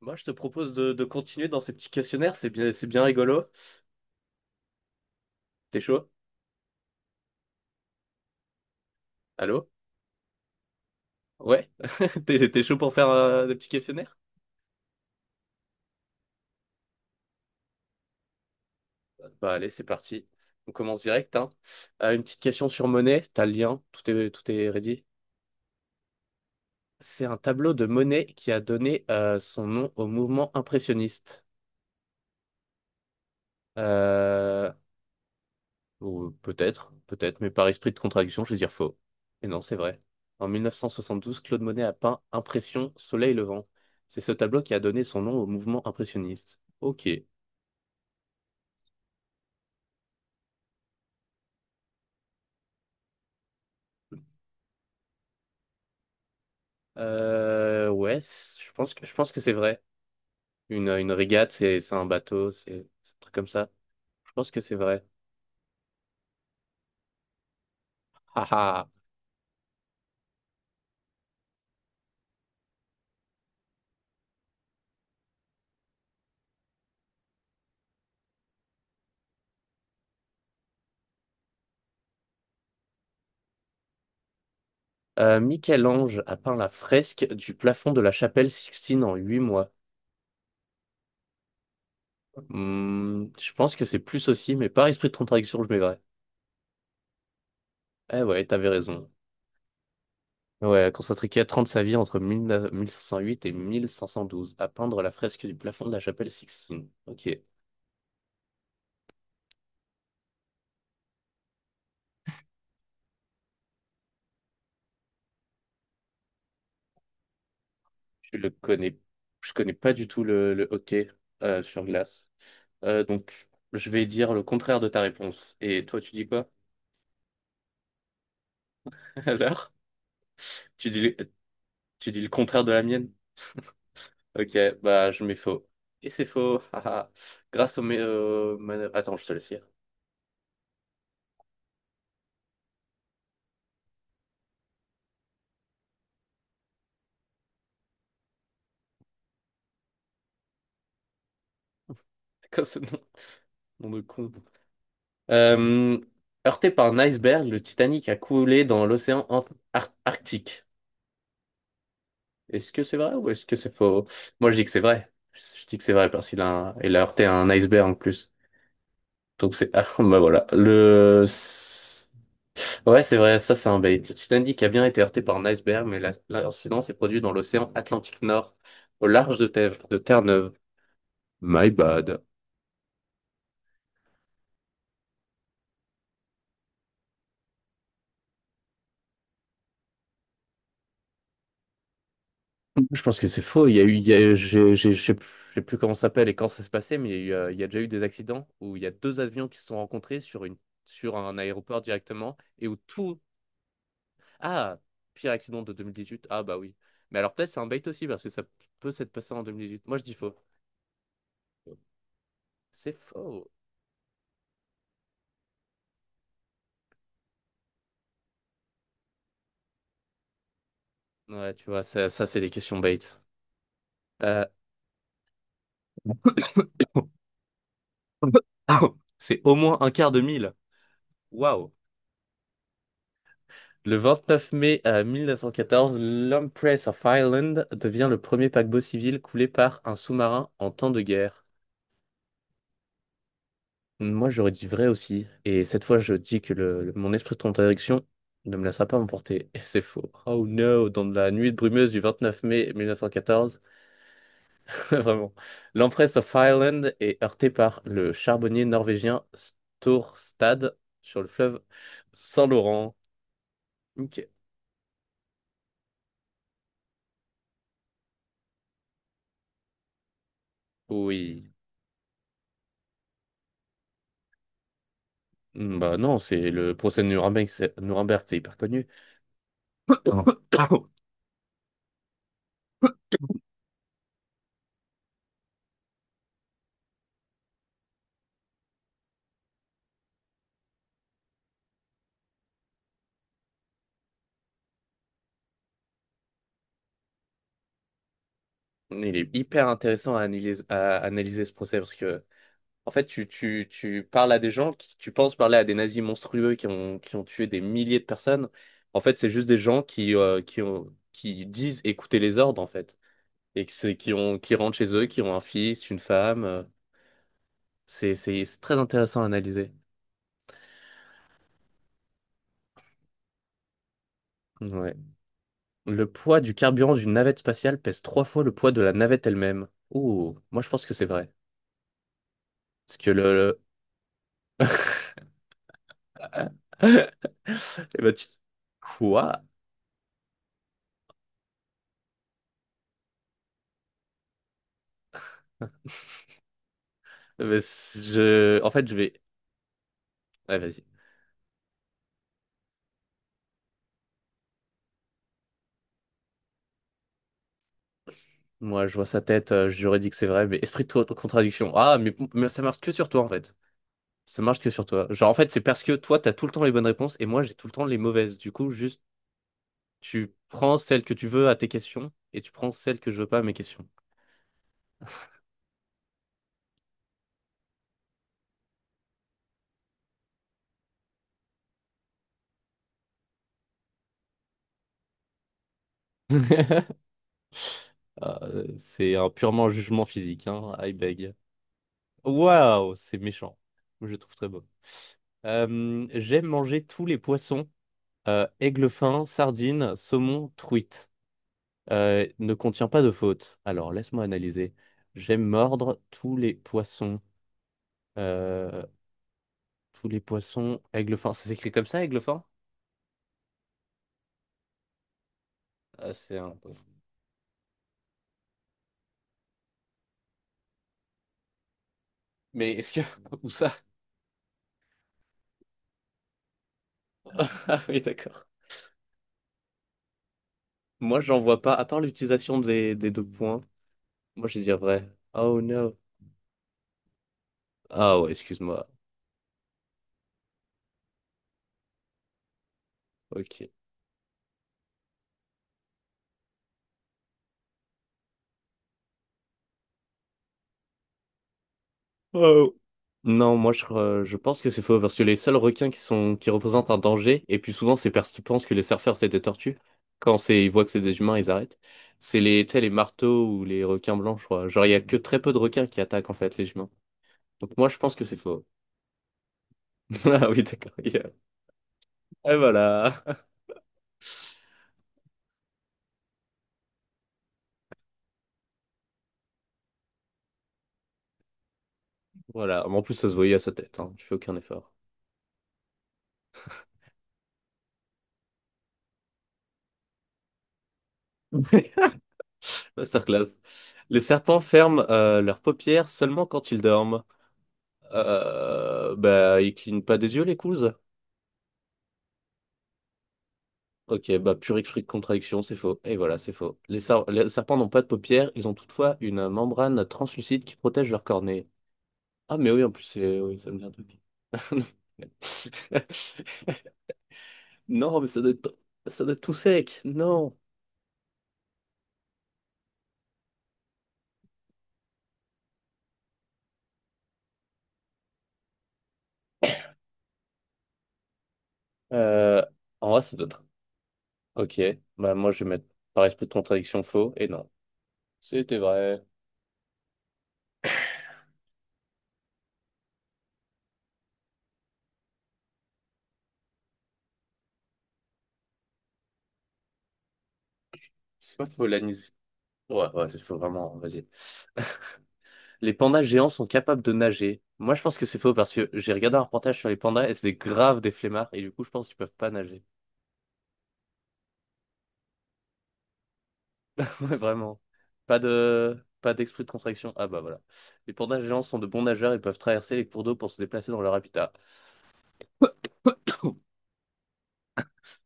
Moi, je te propose de continuer dans ces petits questionnaires, c'est bien rigolo. T'es chaud? Allô? Ouais? T'es chaud pour faire des petits questionnaires? Bah allez, c'est parti. On commence direct, hein. Une petite question sur Monet, t'as le lien, tout est ready. C'est un tableau de Monet qui a donné son nom au mouvement impressionniste. Euh, Ou peut-être, peut-être, mais par esprit de contradiction, je vais dire faux. Et non, c'est vrai. En 1972, Claude Monet a peint Impression, Soleil levant. C'est ce tableau qui a donné son nom au mouvement impressionniste. Ok. Ouais, je pense que c'est vrai. Une régate, c'est un bateau, c'est un truc comme ça. Je pense que c'est vrai. Haha. Michel-Ange a peint la fresque du plafond de la chapelle Sixtine en 8 mois. Je pense que c'est plus aussi, mais par esprit de contradiction, je mets vrai. Eh ouais, t'avais raison. Ouais, Constantin trente sa vie entre 1508 et 1512 à peindre la fresque du plafond de la chapelle Sixtine. Ok, je le connais, je connais pas du tout le hockey sur glace. Donc, je vais dire le contraire de ta réponse. Et toi, tu dis quoi? Alors, tu dis, le- tu dis le contraire de la mienne? Ok, bah je mets faux. Et c'est faux. haha. Grâce au... mé- man- Attends, je te laisse lire. C'est quoi ce nom? Nom de con. Euh, Heurté par un iceberg, le Titanic a coulé dans l'océan Arctique. Est-ce que c'est vrai ou est-ce que c'est faux? Moi, je dis que c'est vrai. Je dis que c'est vrai parce qu'il a heurté un iceberg en plus. Ah, bah voilà. Ouais, c'est vrai, ça c'est un bait. Le Titanic a bien été heurté par un iceberg, mais l'incident s'est produit dans l'océan Atlantique Nord, au large de Terre-Neuve. My bad. Je pense que c'est faux. Il y a eu, il y a- j'ai, je sais plus comment ça s'appelle et quand ça s'est passé, mais il y a déjà eu des accidents où il y a deux avions qui se sont rencontrés sur sur un aéroport directement et où tout. Ah, pire accident de 2018. Ah bah oui. Mais alors peut-être c'est un bait aussi parce que ça peut s'être passé en 2018. Moi je dis faux. C'est faux. Ouais, tu vois, ça, c'est des questions bait. Euh, C'est au moins un quart de mille. Waouh. Le 29 mai 1914, l'Empress of Ireland devient le premier paquebot civil coulé par un sous-marin en temps de guerre. Moi, j'aurais dit vrai aussi. Et cette fois, je dis que mon esprit de contradiction ne me laissera pas m'emporter. Et c'est faux. Oh no, dans la nuit brumeuse du 29 mai 1914, vraiment, l'Empress of Ireland est heurtée par le charbonnier norvégien Storstad sur le fleuve Saint-Laurent. Ok. Oui. Bah non, c'est le procès de Nuremberg, c'est hyper connu. Il est hyper intéressant à analyser ce procès. Parce que En fait, tu parles à des gens qui, tu penses parler à des nazis monstrueux qui ont tué des milliers de personnes. En fait, c'est juste des gens qui disent écouter les ordres, en fait. Et que c'est, qui ont, qui rentrent chez eux, qui ont un fils, une femme. C'est très intéressant à analyser. Ouais. Le poids du carburant d'une navette spatiale pèse trois fois le poids de la navette elle-même. Ouh, moi je pense que c'est vrai. Parce que le- Eh ben, Quoi? Eh ben, je... En fait, je vais... Ouais, vas-y. Moi, je vois sa tête, j'aurais dit que c'est vrai, mais esprit de contradiction. Ah, mais ça marche que sur toi, en fait. Ça marche que sur toi. Genre, en fait, c'est parce que toi, t'as tout le temps les bonnes réponses et moi, j'ai tout le temps les mauvaises. Du coup, juste, tu prends celles que tu veux à tes questions et tu prends celles que je veux pas à mes questions. C'est un purement jugement physique, hein. I beg. Waouh, c'est méchant. Je le trouve très beau. J'aime manger tous les poissons. Aigle fin, sardine, saumon, truite. Ne contient pas de faute. Alors, laisse-moi analyser. J'aime mordre tous les poissons. Euh, Tous les poissons. Aiglefin. Ça s'écrit comme ça, Aiglefin? Ah, c'est un... Mais est-ce que... Où ça? Ah oui, d'accord. Moi, j'en vois pas. À part l'utilisation des deux points, moi, je vais dire vrai. Oh, no. Ah, ouais, excuse-moi. Ok. Euh, Non, moi je pense que c'est faux parce que les seuls requins qui représentent un danger, et puis souvent c'est parce qu'ils pensent que les surfeurs c'est des tortues. Quand c'est ils voient que c'est des humains, ils arrêtent. C'est les, tu sais, les marteaux ou les requins blancs, je crois. Genre il y a que très peu de requins qui attaquent en fait les humains. Donc moi je pense que c'est faux. Ah oui, d'accord. il Et voilà. Voilà. Mais en plus ça se voyait à sa tête, hein. Tu fais aucun effort. Masterclass. Les serpents ferment leurs paupières seulement quand ils dorment. Bah ils clignent pas des yeux les couzes. Ok, bah pure esprit de contradiction, c'est faux. Et voilà, c'est faux. Les serpents n'ont pas de paupières, ils ont toutefois une membrane translucide qui protège leur cornée. Ah mais oui, en plus, c'est... Oui, ça me dit un truc. Non, mais ça doit être tout sec. Non. Euh, En vrai, ça doit être... Ok, bah moi je vais mettre par esprit de contradiction faux et non. C'était vrai. C'est pas faux, l'anis. Ouais, ouais, c'est faux, vraiment, vas-y. Les pandas géants sont capables de nager. Moi, je pense que c'est faux parce que j'ai regardé un reportage sur les pandas et c'était grave des flemmards et du coup, je pense qu'ils peuvent pas nager. Ouais, vraiment. Pas d'esprit de contraction. Ah bah voilà. Les pandas géants sont de bons nageurs et peuvent traverser les cours d'eau pour se déplacer dans leur habitat.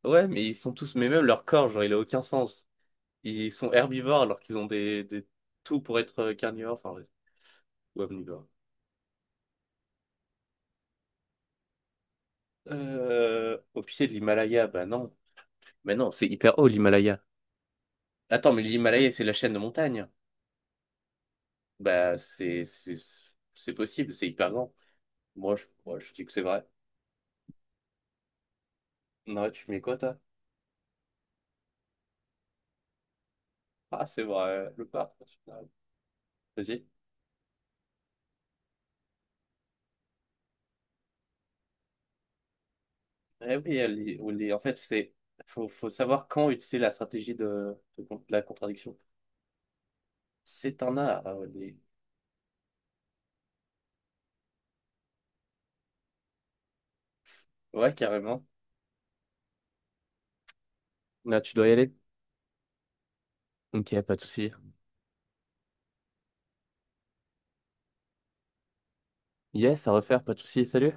Ouais, mais même leur corps, genre, il a aucun sens. Ils sont herbivores alors qu'ils ont des tout pour être carnivores, enfin, ouais, ou omnivores. Au pied de l'Himalaya, bah non. Mais non, c'est hyper haut l'Himalaya. Attends, mais l'Himalaya, c'est la chaîne de montagne. Bah, c'est possible, c'est hyper grand. Moi, je dis que c'est vrai. Non, tu mets quoi, toi? Ah, c'est vrai, le parc national. Vas-y. Eh oui, elle y- on y- en fait, c'est faut savoir quand utiliser la stratégie la contradiction. C'est un art. Ouais, carrément. Là, tu dois y aller. Ok, pas de souci. Yes, à refaire, pas de souci. Salut.